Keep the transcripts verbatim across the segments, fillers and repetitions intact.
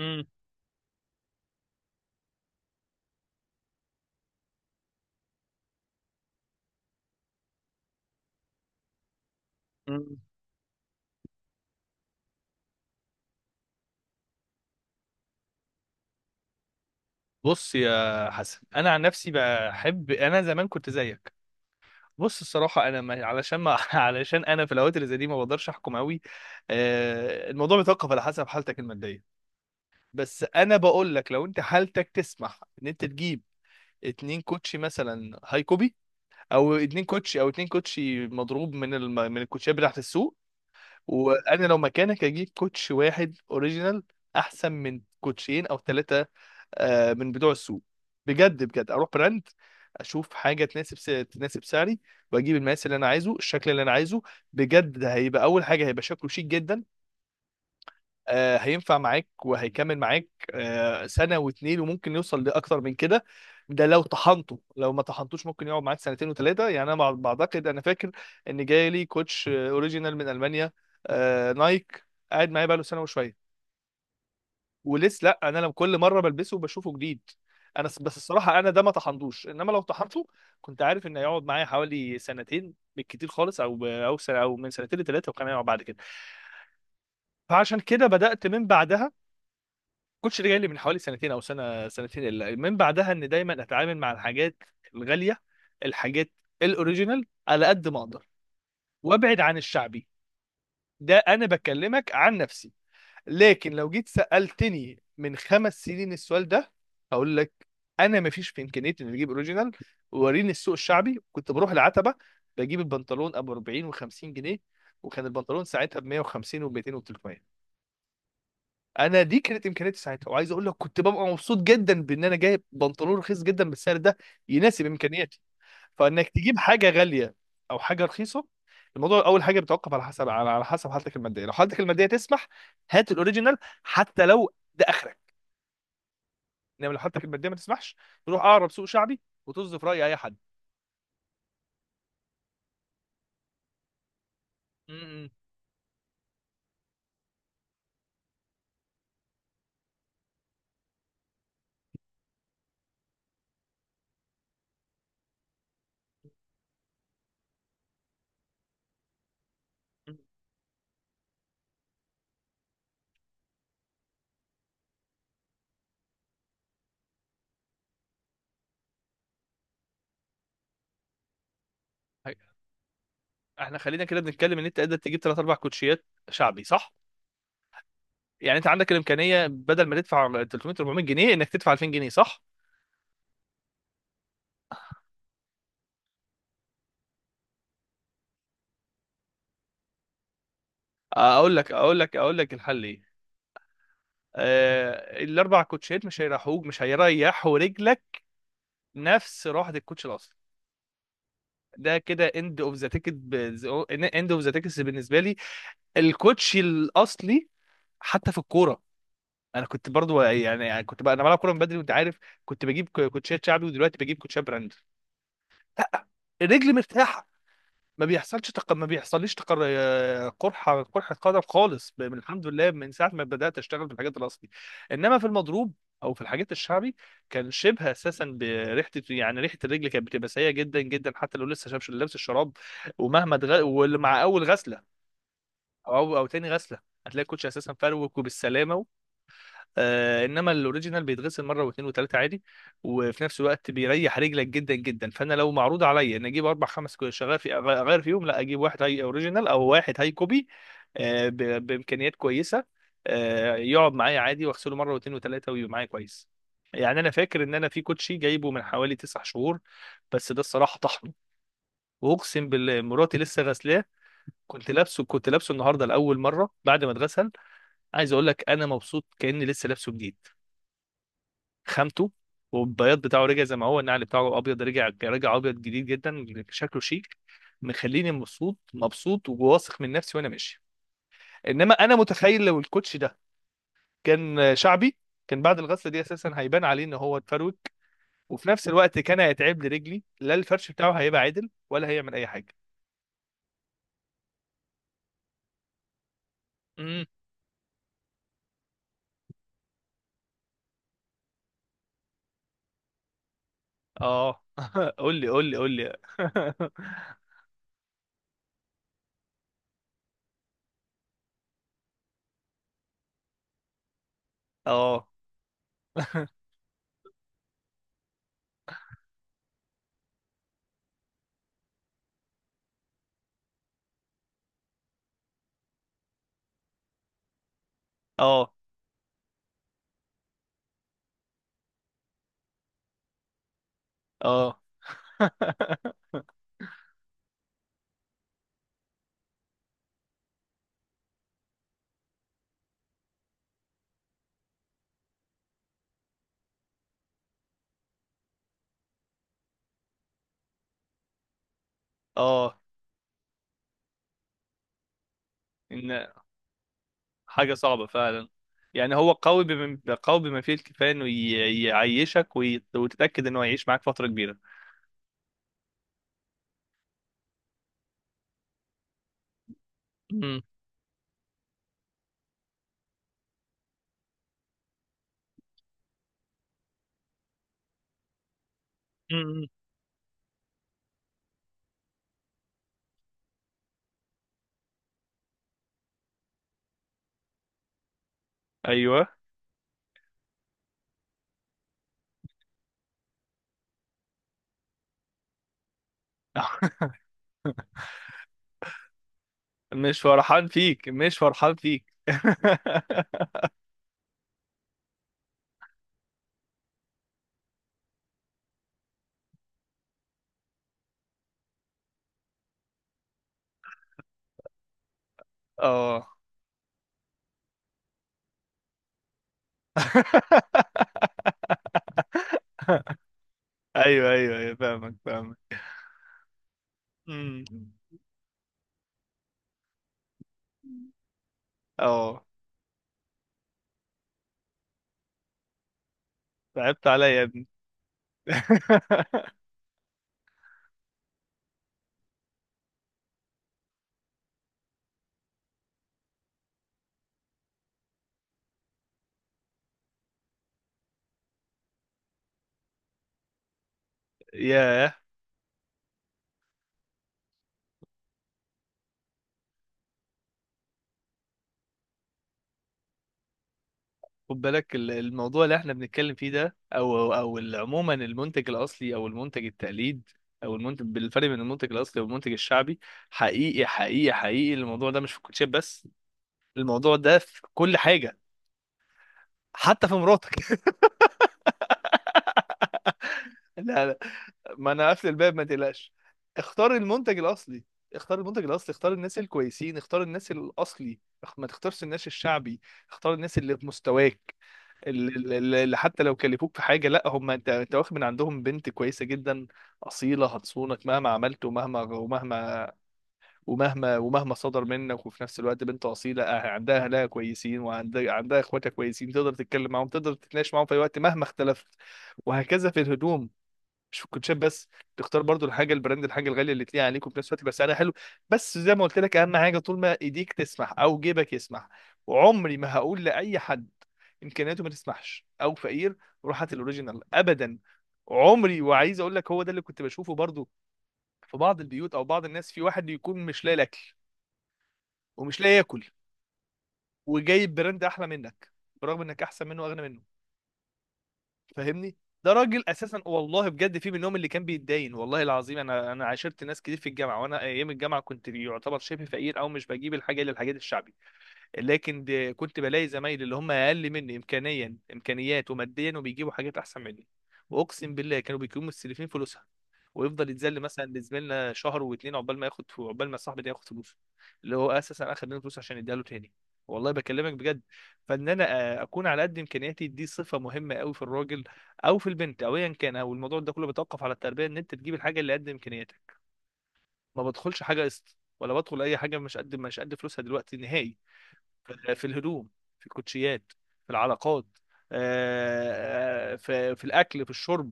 مم. مم. بص يا حسن، انا عن نفسي بحب، انا زمان كنت زيك. بص الصراحه انا ما... علشان ما... علشان انا في الاوقات اللي زي دي ما بقدرش احكم قوي. آه... الموضوع بيتوقف على حسب حالتك الماديه. بس انا بقول لك لو انت حالتك تسمح ان انت تجيب اتنين كوتشي مثلا هاي كوبي، او اتنين كوتشي، او اتنين كوتشي مضروب من الم... من الكوتشيات بتاعت السوق. وانا لو مكانك اجيب كوتش واحد اوريجينال احسن من كوتشين او ثلاثه، آه، من بتوع السوق. بجد بجد اروح براند، اشوف حاجه تناسب س... تناسب سعري، واجيب المقاس اللي انا عايزه، الشكل اللي انا عايزه. بجد ده هيبقى اول حاجه، هيبقى شكله شيك جدا. آه، هينفع معاك وهيكمل معاك آه، سنه واتنين وممكن يوصل لاكتر من كده. ده لو طحنته، لو ما طحنتوش ممكن يقعد معاك سنتين وثلاثه. يعني انا مع- بعتقد انا فاكر ان جاي لي كوتش اوريجينال من المانيا، آه، نايك، قاعد معايا بقاله سنه وشويه ولسه لا. انا لما كل مره بلبسه بشوفه جديد. انا س- بس الصراحه انا ده ما طحنتوش. انما لو طحنته كنت عارف ان هيقعد معايا حوالي سنتين بالكتير خالص، او ب- او سنه، او من سنتين لثلاثه، وكان هيقعد بعد كده. فعشان كده بدات من بعدها، كنتش جاي لي من حوالي سنتين او سنه سنتين الا من بعدها، ان دايما اتعامل مع الحاجات الغاليه، الحاجات الاوريجينال على قد ما اقدر، وابعد عن الشعبي. ده انا بكلمك عن نفسي. لكن لو جيت سألتني من خمس سنين السؤال ده، هقول لك انا ما فيش في امكانيتي اني اجيب اوريجينال. وريني السوق الشعبي، كنت بروح العتبه، بجيب البنطلون ابو اربعين و50 جنيه، وكان البنطلون ساعتها ب مئة وخمسين و200 و300. انا دي كانت امكانياتي ساعتها، وعايز اقول لك كنت ببقى مبسوط جدا بان انا جايب بنطلون رخيص جدا بالسعر ده يناسب امكانياتي. فانك تجيب حاجه غاليه او حاجه رخيصه، الموضوع اول حاجه بيتوقف على حسب على على حسب حالتك الماديه. لو حالتك الماديه تسمح، هات الاوريجينال، حتى لو ده اخرك. انما لو حالتك الماديه ما تسمحش، تروح اقرب سوق شعبي وتصدف راي اي حد. م- م- م. احنا خلينا كده بنتكلم ان انت قادر تجيب ثلاث اربع كوتشيات شعبي، صح؟ يعني انت عندك الامكانيه بدل ما تدفع ثلاثمائة اربعميه جنيه انك تدفع الفين جنيه، صح؟ اقول لك اقول لك اقول لك الحل ايه. آه الاربع كوتشيات مش هيريحوك، مش هيريحوا رجلك نفس روحة الكوتش الاصلي. ده كده اند اوف ذا تيكت، اند اوف ذا تيكتس بالنسبه لي الكوتش الاصلي. حتى في الكوره، انا كنت برضو يعني يعني كنت بقى انا بلعب كوره من بدري وانت عارف، كنت بجيب كو- كوتشات شعبي، ودلوقتي بجيب كوتشات براند. لا، رجلي مرتاحه. ما بيحصلش تق... ما بيحصليش تقر... قرحه قرحه قدم خالص، ب- من الحمد لله من ساعه ما بدات اشتغل في الحاجات الاصلي. انما في المضروب، او في الحاجات الشعبي، كان شبه اساسا بريحه، يعني ريحه الرجل كانت بتبقى سيئه جدا جدا، حتى لو لسه شابش لابس الشراب. ومهما تغ... واللي مع اول غسله، او او تاني غسله، هتلاقي الكوتش اساسا فروك وبالسلامه. آه انما الاوريجينال بيتغسل مره واثنين وثلاثه عادي، وفي نفس الوقت بيريح رجلك جدا جدا. فانا لو معروض عليا ان اجيب اربع خمس كو- شغال في أغ- اغير فيهم، لا اجيب واحد هاي اوريجينال او واحد هاي كوبي، آه ب- بامكانيات كويسه، آه يقعد معايا عادي، واغسله مره واثنين وثلاثه، ويبقى معايا كويس. يعني انا فاكر ان انا في كوتشي جايبه من حوالي تسع شهور، بس ده الصراحه طحنه، واقسم بالله مراتي لسه غسلاه، كنت لابسه كنت لابسه النهارده لاول مره بعد ما اتغسل. عايز اقول لك انا مبسوط كاني لسه لابسه جديد. خامته والبياض بتاعه رجع زي ما هو، النعل بتاعه ابيض رجع رجع ابيض جديد جدا، شكله شيك، مخليني مبسوط مبسوط وواثق من نفسي وانا ماشي. انما انا متخيل لو الكوتش ده كان شعبي، كان بعد الغسله دي اساسا هيبان عليه ان هو اتفروت، وفي نفس الوقت كان هيتعب لرجلي، لا الفرش بتاعه هيبقى عادل ولا هيعمل اي حاجه. امم. اه قول لي قول لي قول لي. اه. اه اه. اه. حاجة صعبة فعلا. يعني هو قوي بما قوي بما فيه الكفاية انه ي- يعيشك وي- وتتأكد انه هيعيش معاك فترة كبيرة. مم. مم. ايوه. مش فرحان فيك مش فرحان فيك. اه. ايوه ايوه ايوه، فاهمك فاهمك. مم. اه. تعبت عليا يا ابني. ياه. خد بالك ال- الموضوع اللي احنا بنتكلم فيه ده، او او أو ال- عموما المنتج الاصلي او المنتج التقليد، او المنتج بالفرق بين المنتج الاصلي والمنتج الشعبي. حقيقي حقيقي حقيقي الموضوع ده مش في الكوتشيب بس، الموضوع ده في كل حاجه، حتى في مراتك. لا لا. ما انا قافل الباب ما تقلقش. اختار المنتج الاصلي. اختار المنتج الاصلي، اختار الناس الكويسين، اختار الناس الاصلي، اخ- ما تختارش الناس الشعبي. اختار الناس اللي في مستواك، اللي حتى لو كلفوك في حاجه، لا هم انت انت واخد من عندهم بنت كويسه جدا، اصيله هتصونك مهما عملت، ومهما ومهما ومهما ومهما صدر منك. وفي نفس الوقت بنت اصيله اه، عندها اهلها كويسين، وعندها عندها اخواتها كويسين، تقدر تتكلم معاهم تقدر تتناقش معاهم في اي وقت مهما اختلفت. وهكذا في الهدوم، مش في الكوتشات بس. تختار برضو الحاجه البراند، الحاجه الغاليه اللي تليق عليك وفي نفس الوقت يبقى سعرها حلو. بس زي ما قلت لك اهم حاجه طول ما ايديك تسمح او جيبك يسمح. وعمري ما هقول لاي حد امكانياته ما تسمحش او فقير، روح هات الاوريجينال. ابدا. عمري. وعايز اقول لك هو ده اللي كنت بشوفه برضو، في بعض البيوت او بعض الناس، في واحد يكون مش لاقي الاكل ومش لاقي ياكل، وجايب براند احلى منك، برغم انك احسن منه واغنى منه. فاهمني؟ ده راجل اساسا والله بجد، في منهم اللي كان بيتداين والله العظيم. انا انا عاشرت ناس كتير في الجامعه، وانا ايام الجامعه كنت يعتبر شبه فقير، او مش بجيب الحاجه الا الحاجات الشعبي. لكن دي كنت بلاقي زمايلي اللي هم اقل مني امكانيا امكانيات وماديا، وبيجيبوا حاجات احسن مني. واقسم بالله كانوا بيكونوا مستلفين فلوسها، ويفضل يتذل مثلا لزميلنا شهر واتنين عقبال ما ياخد، عقبال ما صاحبي ده ياخد فلوسه، اللي هو اساسا اخد منه فلوس عشان يديها له تاني. والله بكلمك بجد. فان انا آه، اكون على قد امكانياتي دي صفه مهمه قوي في الراجل او في البنت او ايا كان، او الموضوع ده كله بيتوقف على التربيه، ان انت تجيب الحاجه اللي قد امكانياتك. ما بدخلش حاجه قسط، ولا بدخل اي حاجه مش قد مش قد فلوسها دلوقتي نهائي. في في الهدوم، في الكوتشيات، في العلاقات، آه، آه، في في الاكل، في الشرب.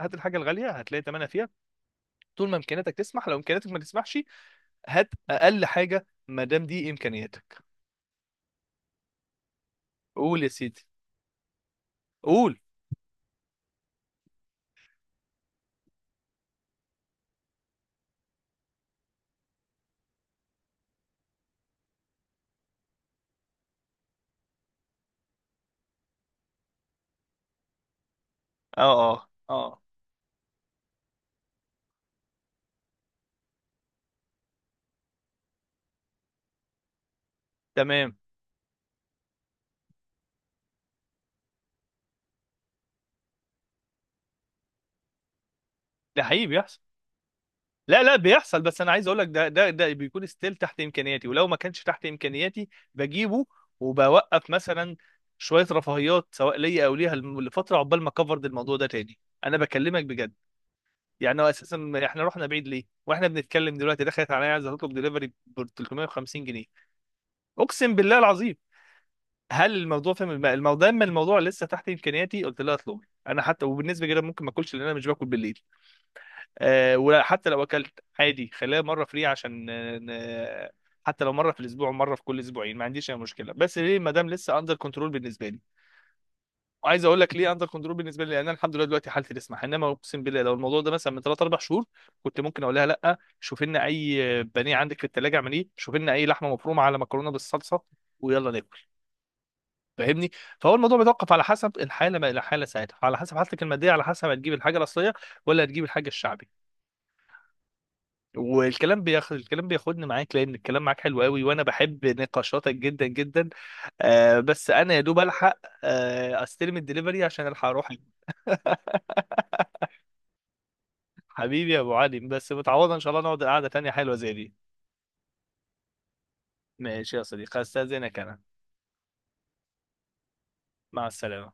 هات الحاجه الغاليه هتلاقي ثمنها فيها، طول ما امكانياتك تسمح. لو امكانياتك ما تسمحش، هات اقل حاجه ما دام دي امكانياتك. قول يا سيدي. قول. اه اه اه تمام. ده حقيقي بيحصل. لا لا بيحصل، بس انا عايز اقول لك ده ده ده بيكون ستيل تحت امكانياتي، ولو ما كانش تحت امكانياتي بجيبه. وبوقف مثلا شويه رفاهيات سواء ليا او ليها لم- لفتره، عقبال ما اكفر الموضوع ده تاني. انا بكلمك بجد. يعني هو اساسا احنا رحنا بعيد ليه واحنا بنتكلم؟ دلوقتي دخلت عليا عايز اطلب دليفري ب تلتميه وخمسين جنيه. اقسم بالله العظيم هل الموضوع فاهم الم- الموضوع؟ دام الموضوع لسه تحت امكانياتي قلت لها اطلبي. انا حتى وبالنسبه كده ممكن ما اكلش لان انا مش باكل بالليل. أه وحتى لو اكلت عادي خليها مره فري عشان آه، ن- حتى لو مره في الاسبوع ومره في كل اسبوعين ما عنديش اي مشكله، بس ليه؟ ما دام لسه اندر كنترول بالنسبه لي. وعايز اقول لك ليه اندر كنترول بالنسبه لي، لان انا الحمد لله دلوقتي حالتي تسمح. انما اقسم بالله لو الموضوع ده مثلا من ثلاثه اربعه شهور، كنت ممكن اقول لها لا شوف لنا اي بانيه عندك في الثلاجه اعمليه، شوف لنا اي لحمه مفرومه على مكرونه بالصلصه، ويلا ناكل. فاهمني؟ فهو الموضوع بيتوقف على حسب الحاله ما الى حاله ساعتها، على حسب حالتك الماديه، على حسب هتجيب الحاجه الاصليه ولا هتجيب الحاجه الشعبي. والكلام بياخد الكلام بياخدني معاك، لان الكلام معاك حلو قوي، وانا بحب نقاشاتك جدا جدا. آه بس انا يا دوب الحق آه استلم الدليفري عشان الحق اروح. حبيبي يا ابو علي، بس متعوضه ان شاء الله نقعد قعده تانيه حلوه زي دي. ماشي يا صديقي، استاذنك انا. مع السلامه.